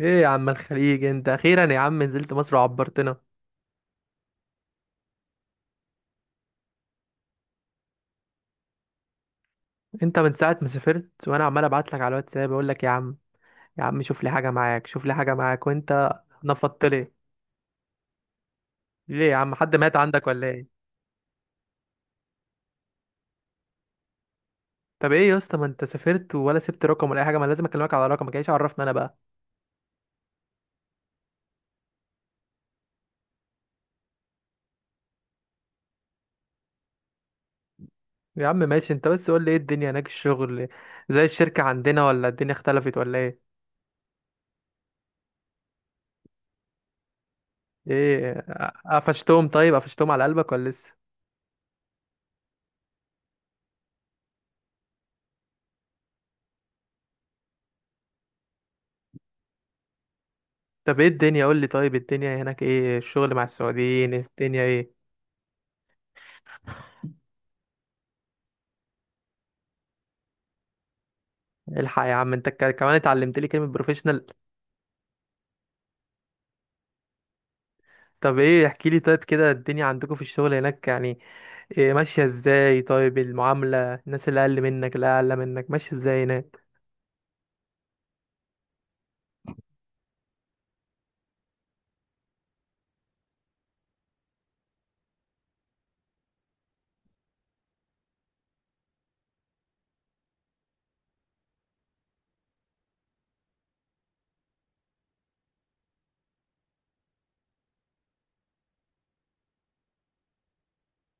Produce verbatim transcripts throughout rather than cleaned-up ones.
ايه يا عم الخليج، انت اخيرا يا عم نزلت مصر وعبرتنا. انت من ساعه ما سافرت وانا عمال ابعت لك على الواتساب اقول لك يا عم، يا عم شوف لي حاجه معاك، شوف لي حاجه معاك وانت نفضت لي. ليه يا عم، حد مات عندك ولا ايه؟ طب ايه يا اسطى، ما انت سافرت ولا سبت رقم ولا اي حاجه، ما لازم اكلمك على رقمك، ايش عرفنا انا بقى. يا عم ماشي، انت بس قول لي ايه الدنيا هناك الشغل، زي الشركه عندنا ولا الدنيا اختلفت ولا ايه؟ ايه، قفشتهم؟ طيب قفشتهم على قلبك ولا لسه؟ طب ايه الدنيا؟ قول لي طيب الدنيا هناك ايه الشغل مع السعوديين، الدنيا ايه؟ الحق يا عم انت ك- كمان اتعلمت لي كلمة بروفيشنال. طب ايه احكي لي، طيب كده الدنيا عندكم في الشغل هناك يعني إيه؟ ماشية ازاي؟ طيب المعاملة، الناس اللي اقل منك اللي اعلى منك ماشية ازاي هناك؟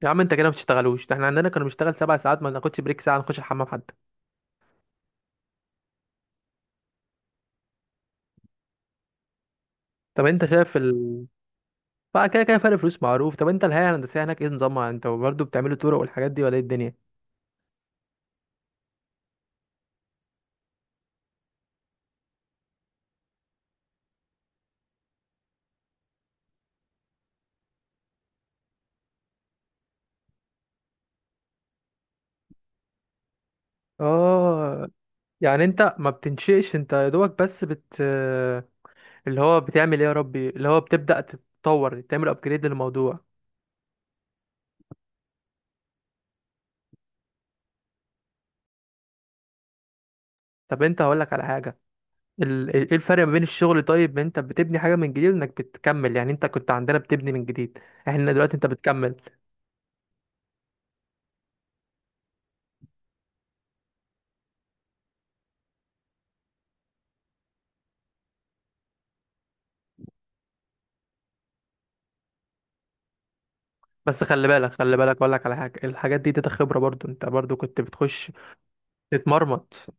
يا عم انت كده ما بتشتغلوش، ده احنا عندنا كانوا بنشتغل سبع ساعات ما ناخدش بريك ساعة نخش الحمام حتى. طب انت شايف ال بقى كده كده فرق فلوس معروف. طب انت الهيئة الهندسية هناك ايه نظامها، انت برضه بتعملوا طرق والحاجات دي ولا ايه الدنيا؟ اه، يعني انت ما بتنشئش، انت يا دوبك بس بت اللي هو بتعمل ايه يا ربي، اللي هو بتبدأ تتطور تعمل ابجريد للموضوع. طب انت هقولك على حاجة، ال- ال- ايه الفرق ما بين الشغل، طيب ما انت بتبني حاجة من جديد وانك بتكمل، يعني انت كنت عندنا بتبني من جديد، احنا دلوقتي انت بتكمل. بس خلي بالك، خلي بالك اقولك على حاجة، الحاجات دي تاتا خبرة برضو، انت برضو كنت بتخش تتمرمط.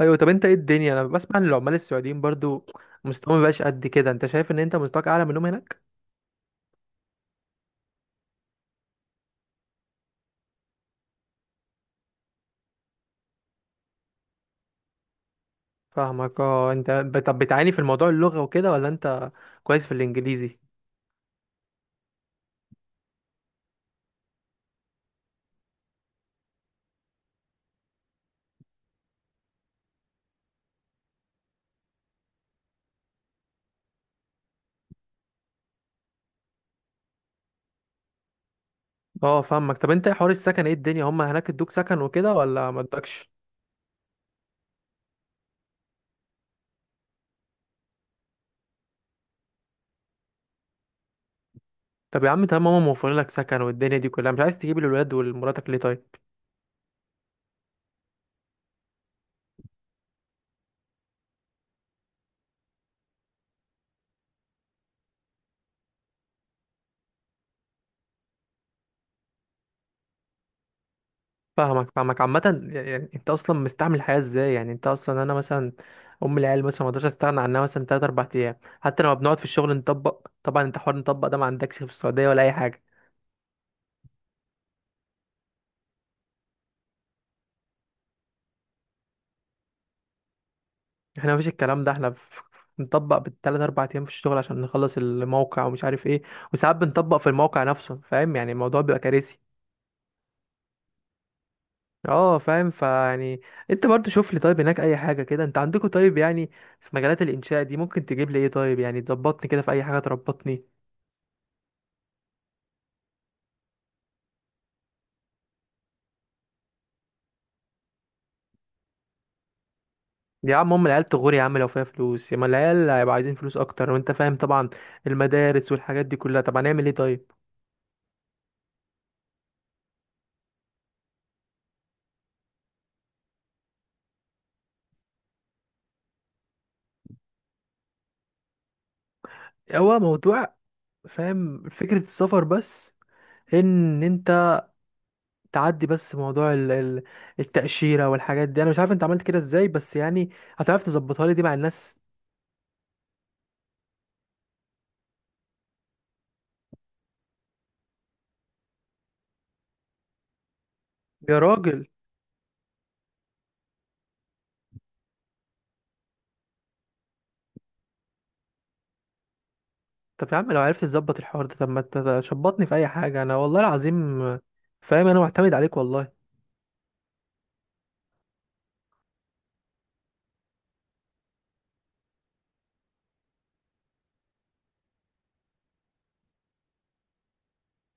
ايوه، طب انت ايه الدنيا، انا بسمع ان العمال السعوديين برضو مستواهم مبقاش قد كده، انت شايف ان انت مستواك اعلى منهم هناك؟ فاهمك. اه، انت ب- طب بتعاني في الموضوع اللغة وكده ولا انت كويس في الانجليزي؟ اه، فاهمك. طب انت حوار السكن ايه الدنيا، هم هناك ادوك سكن وكده ولا ما ادوكش؟ طب يا عم تمام، هم موفرين لك سكن، والدنيا دي كلها مش عايز تجيب الولاد ولمراتك ليه طيب؟ فاهمك فاهمك. عامة يعني انت اصلا مستعمل الحياة ازاي، يعني انت اصلا، انا مثلا ام العيال مثلا ما اقدرش استغنى عنها مثلا تلات اربعة ايام، حتى لما بنقعد في الشغل نطبق، طبعا انت حوار نطبق ده ما عندكش في السعودية ولا اي حاجة. احنا مفيش الكلام ده، احنا في- بنطبق بالثلاث اربع ايام في الشغل عشان نخلص الموقع ومش عارف ايه، وساعات بنطبق في الموقع نفسه فاهم، يعني الموضوع بيبقى كارثي. اه فاهم، فيعني انت برضو شوف لي طيب هناك اي حاجه كده، انت عندكم طيب يعني في مجالات الانشاء دي ممكن تجيب لي ايه طيب، يعني تظبطني كده في اي حاجه، تربطني. يا عم هم العيال تغور يا عم، لو فيها فلوس يا ما، العيال هيبقى عايزين فلوس اكتر، وانت فاهم طبعا المدارس والحاجات دي كلها، طب هنعمل ايه طيب؟ هو موضوع فاهم فكره السفر بس ان انت تعدي، بس موضوع ال- ال- التاشيره والحاجات دي انا مش عارف انت عملت كده ازاي، بس يعني هتعرف تظبطها لي دي مع الناس يا راجل؟ طب يا عم لو عرفت تظبط الحوار ده، طب ما تشبطني في اي حاجه، انا والله العظيم فاهم انا معتمد عليك والله.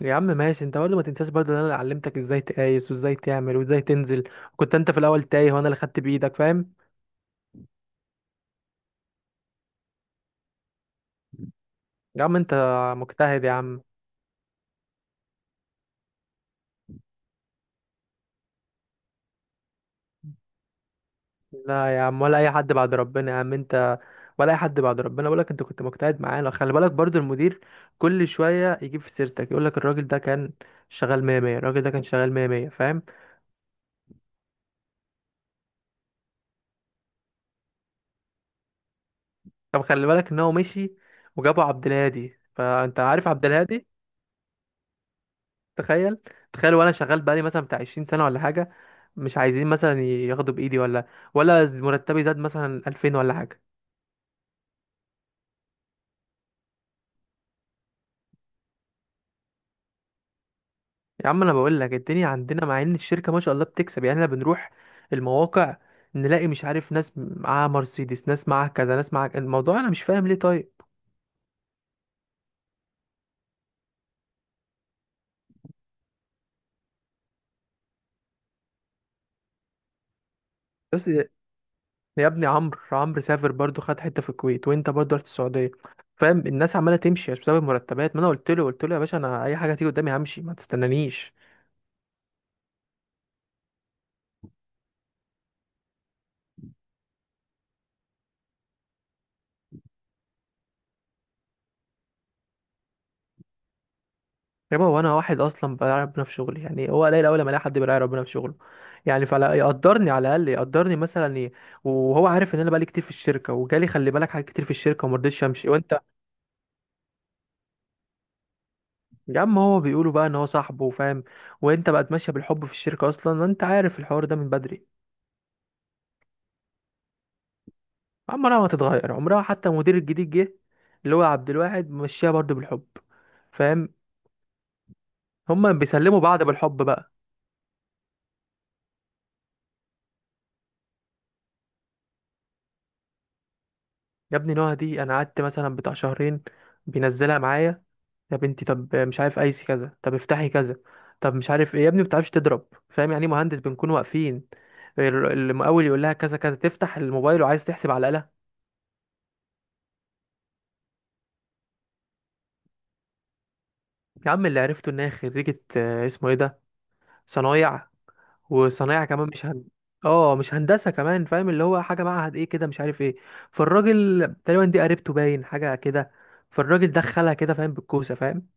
يا عم ماشي، انت برضه ما تنساش برضه ان انا اللي علمتك ازاي تقايس وازاي تعمل وازاي تنزل، كنت انت في الاول تايه وانا اللي خدت بايدك فاهم. يا عم انت مجتهد يا عم. لا يا عم، ولا اي حد بعد ربنا يا عم انت، ولا اي حد بعد ربنا. بقول لك انت كنت مجتهد معانا، خلي بالك برضه المدير كل شويه يجيب في سيرتك يقول لك الراجل ده كان شغال مية مية، الراجل ده كان شغال مية مية فاهم. طب خلي بالك ان هو مشي، وجابوا عبد الهادي، فانت عارف عبد الهادي. تخيل، تخيل وانا شغال بقالي مثلا بتاع عشرين سنه ولا حاجه، مش عايزين مثلا ياخدوا بايدي، ولا ولا مرتبي زاد مثلا ألفين ولا حاجه. يا عم انا بقول لك الدنيا عندنا مع ان الشركه ما شاء الله بتكسب، يعني احنا بنروح المواقع نلاقي مش عارف، ناس معاها مرسيدس، ناس معاها كذا، ناس معاها، الموضوع انا مش فاهم ليه طيب. بس يا ابني عمرو عمرو سافر برضو، خد حته في الكويت وانت برضو رحت السعوديه فاهم، الناس عماله تمشي مش بسبب المرتبات، ما انا قلت له قلت له يا باشا، انا اي حاجه تيجي قدامي همشي ما تستنانيش. يا بابا وانا واحد اصلا براعي ربنا في شغلي، يعني هو قليل اول ما الاقي حد براعي ربنا في شغله، يعني فلا يقدرني، على الاقل يقدرني مثلا، ي- وهو عارف ان انا بقالي كتير في الشركه، وجالي خلي بالك حاجات كتير في الشركه وما رضيتش امشي وانت. يا عم هو بيقولوا بقى ان هو صاحبه فاهم، وانت بقت ماشيه بالحب في الشركه اصلا، انت عارف الحوار ده من بدري. عمرها ما هتتغير، عمرها حتى المدير الجديد جه، اللي هو عبد الواحد، مشيها برضه بالحب فاهم، هما بيسلموا بعض بالحب بقى. يا ابني نهى دي انا قعدت مثلا بتاع شهرين بينزلها معايا، يا بنتي طب مش عارف ايسي كذا، طب افتحي كذا، طب مش عارف ايه يا ابني، ما بتعرفش تضرب فاهم، يعني ايه مهندس؟ بنكون واقفين ال- المقاول يقول لها كذا كذا، تفتح الموبايل وعايز تحسب على الآلة. يا عم اللي عرفته ان هي خريجة آه، اسمه ايه ده، صنايع. وصنايع كمان مش هن... اه، مش هندسه كمان فاهم، اللي هو حاجه معهد ايه كده مش عارف ايه، فالراجل تقريبا دي قريبته باين حاجه كده، فالراجل دخلها كده فاهم، بالكوسه فاهم.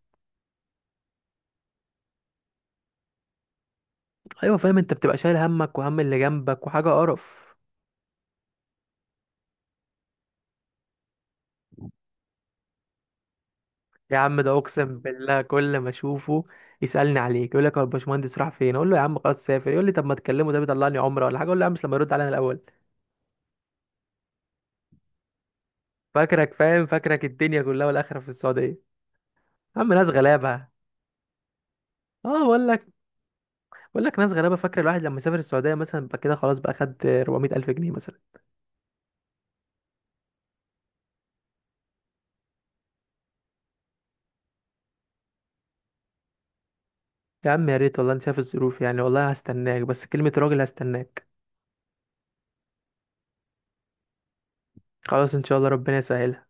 ايوه فاهم، انت بتبقى شايل همك وهم اللي جنبك، وحاجه قرف. يا عم ده اقسم بالله كل ما اشوفه يسالني عليك، يقول لك هو الباشمهندس راح فين، اقول له يا عم خلاص سافر، يقول لي طب ما تكلمه، ده بيطلعني عمره ولا حاجه، اقول له يا عم مش لما يرد علينا الاول. فاكرك فاهم، فاكرك الدنيا كلها والاخره في السعوديه. يا عم ناس غلابه. اه بقول لك بقول لك ناس غلابه، فاكره الواحد لما سافر السعوديه مثلا بقى كده خلاص، بقى خد اربعمية الف جنيه مثلا. يا عم يا ريت والله، انت شايف الظروف يعني، والله هستناك، بس كلمه راجل هستناك. خلاص ان شاء الله، ربنا يسهل.